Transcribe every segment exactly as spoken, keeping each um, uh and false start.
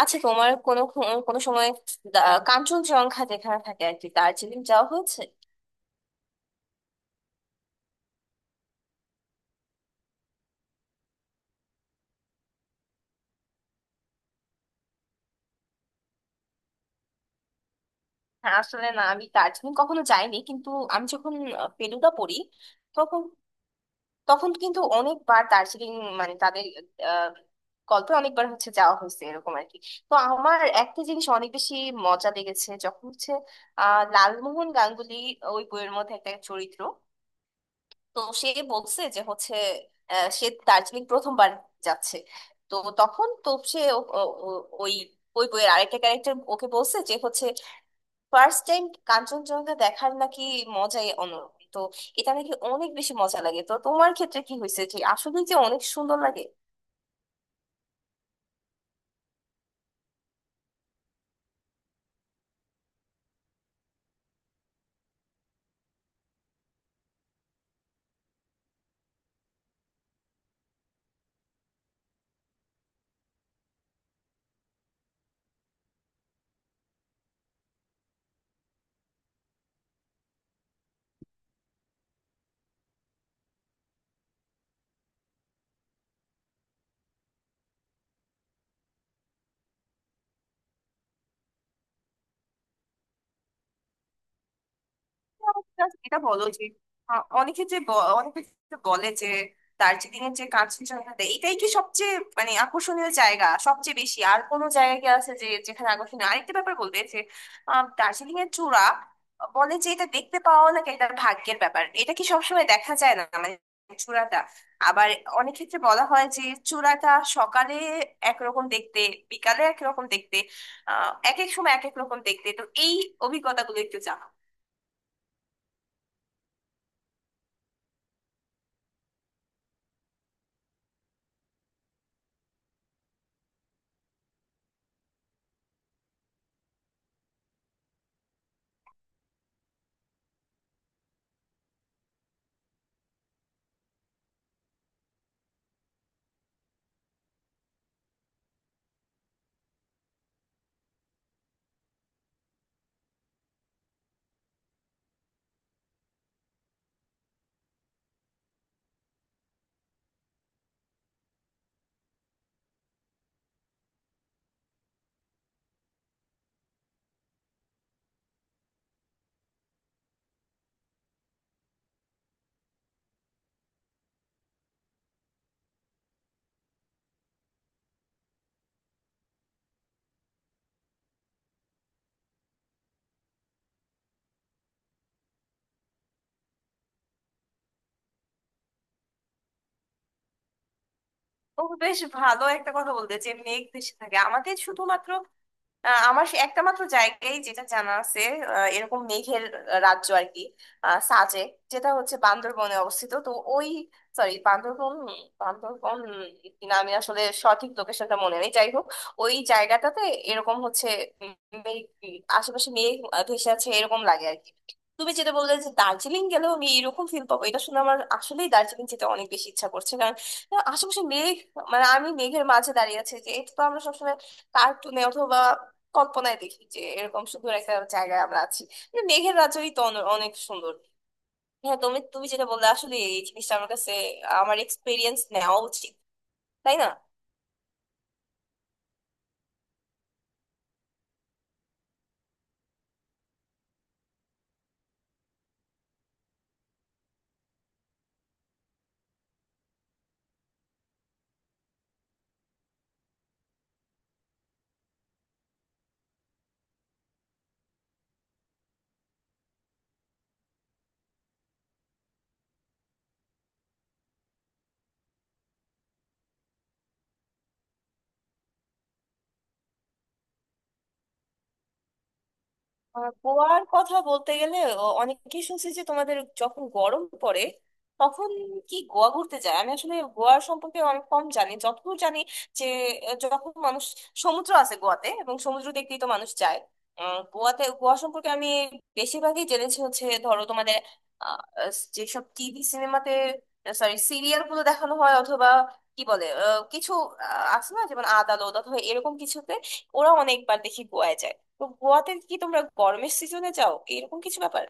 আচ্ছা তোমার কোনো খ- কোনো সময় দা- কাঞ্চনজঙ্ঘা যেখানে থাকে আর কি দার্জিলিং যাওয়া হয়েছে? হ্যাঁ, আসলে না, আমি দার্জিলিং কখনো যাইনি, কিন্তু আমি যখন আহ, ফেলুদা পড়ি তখন, তখন কিন্তু অনেকবার দার্জিলিং, মানে তাদের আহ, গল্পে অনেকবার হচ্ছে যাওয়া হয়েছে এরকম আর কি। তো আমার একটা জিনিস অনেক বেশি মজা লেগেছে, যখন হচ্ছে আহ লালমোহন গাঙ্গুলি ওই বইয়ের মধ্যে একটা চরিত্র, তো সে বলছে যে হচ্ছে আহ, সে দার্জিলিং প্রথমবার যাচ্ছে। তো তখন তো সে ও- ও- ও- ওই, ওই বইয়ের আরেকটা ক্যারেক্টার ওকে বলছে যে হচ্ছে ফার্স্ট টাইম কাঞ্চনজঙ্ঘা দেখার নাকি মজাই অন্যরকম, তো এটা নাকি অনেক বেশি মজা লাগে। তো তোমার ক্ষেত্রে কি হয়েছে যে আসলে যে অনেক সুন্দর লাগে? Just এটা বলো যে আহ, অনেকে যে ব- অনেকে যে বলে যে দার্জিলিং এর যে কাঞ্চনজঙ্ঘা দে- এটাই কি সবচেয়ে মানে আকর্ষণীয় জায়গা, সবচেয়ে বেশি? আর কোনো জায়গা কি আছে যে যেখানে আকর্ষণীয় আরেকটা ব্যাপার বলবে যে দার্জিলিং এর চূড়া আহ, বলে যে এটা দেখতে পাওয়া নাকি এটা ভাগ্যের ব্যাপার, এটা কি সবসময় দেখা যায় না মানে চূড়াটা? আবার অনেক ক্ষেত্রে বলা হয় যে চূড়াটা সকালে একরকম দেখতে, বিকালে একরকম দেখতে, আহ এক এক সময় এক এক রকম দেখতে। তো এই অভিজ্ঞতাগুলো একটু জানাও। ও, বেশ ভালো একটা কথা বলতে যে মেঘ ভেসে থাকে। আমাদের শুধুমাত্র আহ, আমার সে একটা মাত্র জায়গায় যেটা জানা আছে আহ, এরকম মেঘের রাজ্য আর কি, আহ, সাজে, যেটা হচ্ছে বান্দরবনে অবস্থিত। তো ওই, সরি, বান্দরবন, বান্দরবন কিনা আমি আসলে সঠিক লোকেশনটা মনে নেই, যাই হোক, ওই জায়গাটাতে এরকম হচ্ছে উম, মেঘ, আশেপাশে মেঘ আহ, ভেসে আছে এরকম লাগে আর কি। তুমি যেটা বললে যে দার্জিলিং গেলেও আমি এরকম ফিল পাবো, এটা শুনে আমার আসলেই দার্জিলিং যেতে অনেক বেশি ইচ্ছা করছে, কারণ আশেপাশে মেঘ, মানে আমি মেঘের মাঝে দাঁড়িয়ে আছি, যে এটা তো আমরা সবসময় কার্টুনে অথবা কল্পনায় দেখি যে এরকম সুন্দর একটা জায়গায় আমরা আছি। কিন্তু মেঘের রাজ্যই তো অন- অনেক সুন্দর। হ্যাঁ, তুমি তুমি যেটা বললে, আসলে এই জিনিসটা আমার কাছে, আমার এক্সপিরিয়েন্স নেওয়া উচিত, তাই না? আহ, গোয়ার কথা বলতে গেলে, অ- অনেকেই শুনছি যে তোমাদের যখন গরম পড়ে তখন কি গোয়া ঘুরতে যায়। আমি আসলে গোয়ার সম্পর্কে অনেক কম জানি। যতদূর জানি যে আহ, যখন মানুষ, সমুদ্র আছে গোয়াতে এবং সমুদ্র দেখতেই তো মানুষ যায় আহ, গোয়াতে। গোয়া সম্পর্কে আমি বেশিরভাগই জেনেছি হচ্ছে, ধরো, তোমাদের আহ, আহ, যেসব টিভি সিনেমাতে, সরি, সিরিয়াল গুলো দেখানো হয়, অথবা কি বলে আহ, কিছু আহ, আছে না, যেমন আদালত অথবা এরকম কিছুতে ওরা অনেকবার দেখি গোয়ায় যায়। তো গোয়াতে কি তোমরা গরমের সিজনে যাও, এরকম কিছু ব্যাপার?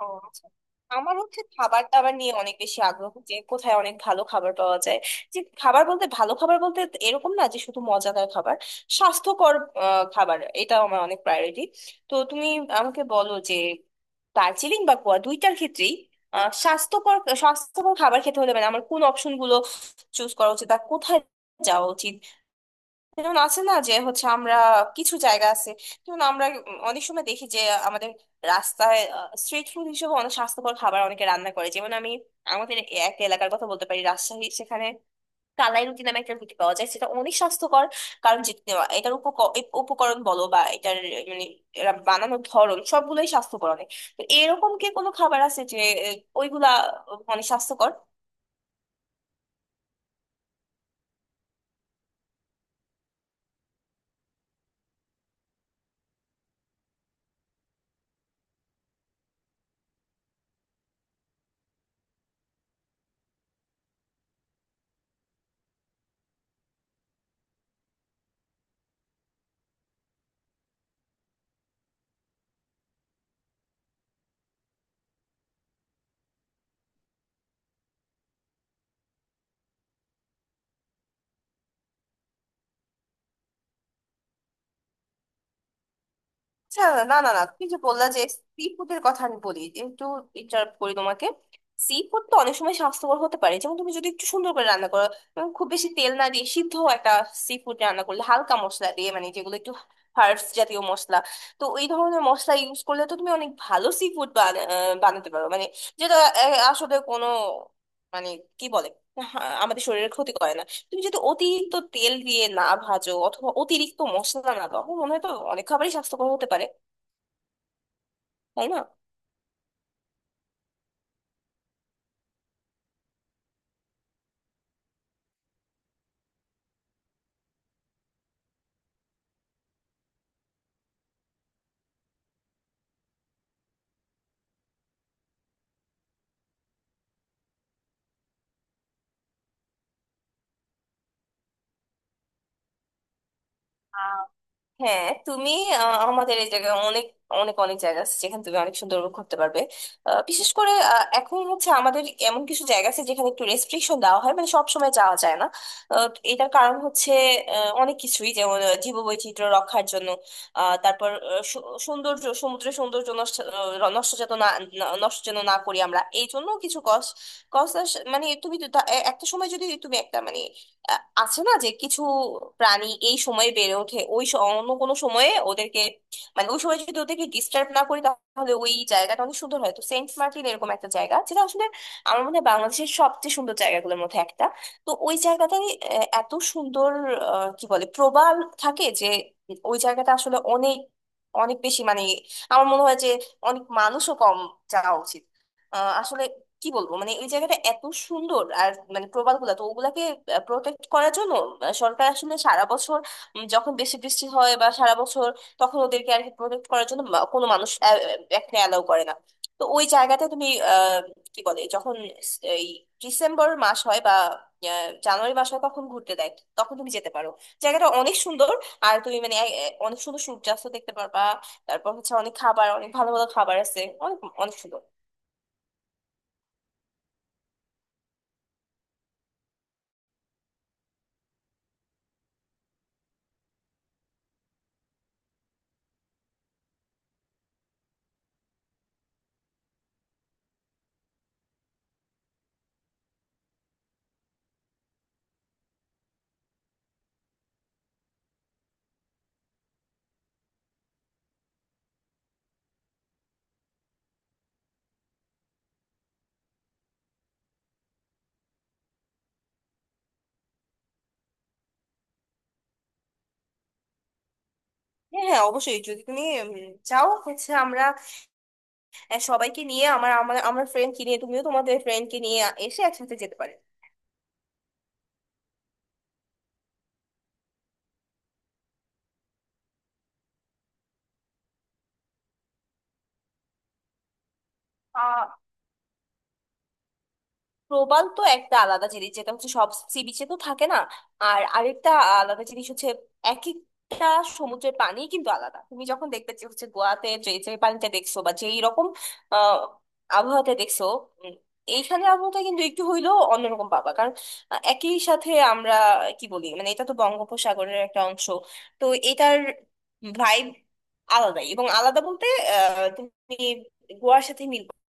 ও আচ্ছা। আমার হচ্ছে খাবার দাবার নিয়ে অনেক বেশি আগ্রহ, যে কোথায় অনেক ভালো খাবার পাওয়া যায়। যে খাবার বলতে, ভালো খাবার বলতে এরকম না যে শুধু মজাদার খাবার, স্বাস্থ্যকর আহ, খাবার এটাও আমার অনেক প্রায়োরিটি। তো তুমি আমাকে বলো যে দার্জিলিং বা গোয়া দুইটার ক্ষেত্রেই আহ, স্বাস্থ্যকর স্বাস্থ্যকর খাবার খেতে হলে মানে আমার কোন অপশন গুলো চুজ করা উচিত আর কোথায় যাওয়া উচিত? যেমন আছে না যে হচ্ছে আমরা, কিছু জায়গা আছে যেমন আমরা উম অনেক সময় দেখি যে আমাদের রাস্তায় স্ট্রিট ফুড হিসেবে অনেক স্বাস্থ্যকর খাবার অনেকে রান্না করে। যেমন আমি আমাদের এ- এক এলাকার কথা বলতে পারি, রাজশাহী, সেখানে কালাই রুটি নামে একটা রুটি পাওয়া যায়, সেটা অনেক স্বাস্থ্যকর। কারণ যে- এটার উপক- এ- উপকরণ বলো বা এটার মানে এরা বানানোর ধরন সবগুলোই স্বাস্থ্যকর অনেক। তো এরকম কি কোনো খাবার আছে যে এ, ওইগুলা অনেক স্বাস্থ্যকর? আচ্ছা, না না না, তুমি যে বললা যে সি ফুডের কথা, আমি বলি একটু, ইন্টারাপ্ট করি তোমাকে। সি ফুড তো অনেক সময় স্বাস্থ্যকর হতে পারে। যেমন তুমি যদি একটু সুন্দর করে রান্না করো এবং খুব বেশি তেল না দিয়ে সিদ্ধ একটা সি ফুড রান্না করলে, হালকা মশলা দিয়ে, মানে যেগুলো একটু হার্বস জাতীয় মশলা, তো এই ধরনের মশলা ইউজ করলে তো তুমি অনেক ভালো সি ফুড বানাতে পারো, মানে যেটা আহ, আসলে কোনো মানে, কি বলে, হা- আমাদের শরীরের ক্ষতি করে না। তুমি যদি অতিরিক্ত তেল দিয়ে না ভাজো অথবা অতিরিক্ত মশলা না দাও, আমার মনে হয় তো অনেক খাবারই স্বাস্থ্যকর হতে পারে, তাই না? হ্যাঁ তুমি, আহ, আমাদের এই জায়গায় অনেক অনেক অনেক জায়গা আছে যেখানে তুমি অনেক সুন্দর উপভোগ করতে পারবে। আহ, বিশেষ করে আহ, এখন হচ্ছে আমাদের এমন কিছু জায়গা আছে যেখানে একটু রেস্ট্রিকশন দেওয়া হয়, মানে সব সময় যাওয়া যায় না। আহ, এটার কারণ হচ্ছে আহ, অনেক কিছুই, যেমন আহ, জীববৈচিত্র্য রক্ষার জন্য, আহ, তারপর আহ, সু- সৌন্দর্য, সমুদ্রের সৌন্দর্য নষ্ট আহ, নষ্ট যাতে না না- নষ্ট যেন না করি আমরা, এই জন্য কিছু কস কস মানে তুমি তো তা- এ- একটা সময় যদি তুমি একটা মানে আ- আছে না যে কিছু প্রাণী এই সময়ে বেড়ে ওঠে, ওই স- অন্য কোনো সময়ে ওদেরকে মানে ওই সময় যদি ওদেরকে ডিস্টার্ব না করি, তাহলে ওই জায়গাটা অনেক সুন্দর হয়। তো সেন্ট মার্টিন এরকম একটা জায়গা যেটা আসলে আমার মনে হয় বাংলাদেশের সবচেয়ে সুন্দর জায়গাগুলোর মধ্যে একটা। তো ওই জায়গাটায় আহ, এত সুন্দর আহ, কি বলে প্রবাল থাকে যে ওই জায়গাটা আসলে অনেক, অনেক বেশি মানে, আমার মনে হয় যে অনেক মানুষও কম যাওয়া উচিত। আহ, আসলে কি বলবো, মানে ওই জায়গাটা এত সুন্দর। আর মানে প্রবাল গুলা তো ওগুলাকে প্রোটেক্ট করার জন্য আহ, সরকার আসলে সারা বছর, উম, যখন বেশি বৃষ্টি হয় বা সারা বছর, তখন ওদেরকে আর কি প্রোটেক্ট করার জন্য মা- কোনো মানুষ আহ, আহ, এখানে অ্যালাউ করে না। তো ওই জায়গাটা তুমি আহ কি বলে যখন স- এই ডিসেম্বর মাস হয় বা আহ, জানুয়ারি মাস হয় তখন ঘুরতে দেয়, তখন তুমি যেতে পারো। জায়গাটা অনেক সুন্দর, আর তুমি মানে এ- এ- অনেক সুন্দর সূর্যাস্ত দেখতে পারবা। তারপর হচ্ছে অনেক খাবার, অনেক ভালো ভালো খাবার আছে, অনেক অনেক সুন্দর। হ্যাঁ হ্যাঁ, অবশ্যই যদি তুমি উম, চাও, হচ্ছে আমরা আহ, সবাইকে নিয়ে, আমার আমার আমার ফ্রেন্ডকে নিয়ে, তুমিও তোমাদের ফ্রেন্ডকে নিয়ে এসে একসাথে যেতে পারে। প্রবাল তো একটা আলাদা জিনিস, যেটা হচ্ছে সব সি বিচে তো থাকে না। আর আরেকটা আলাদা জিনিস হচ্ছে এক একটা সমুদ্রের পানি কিন্তু আলাদা। তুমি যখন দেখবে যে হচ্ছে গোয়াতে যে যে পানিটা দেখছো বা যেই রকম আহ আবহাওয়াতে দেখছো, উম, এইখানে আবহাওয়াটা কিন্তু একটু হইলেও অন্যরকম পাবা, কারণ আহ, একই সাথে আমরা কি বলি মানে এটা তো বঙ্গোপসাগরের একটা অংশ। তো এটার ভাইব আলাদাই, এবং আলাদা বলতে আহ তুমি গোয়ার সাথে মিল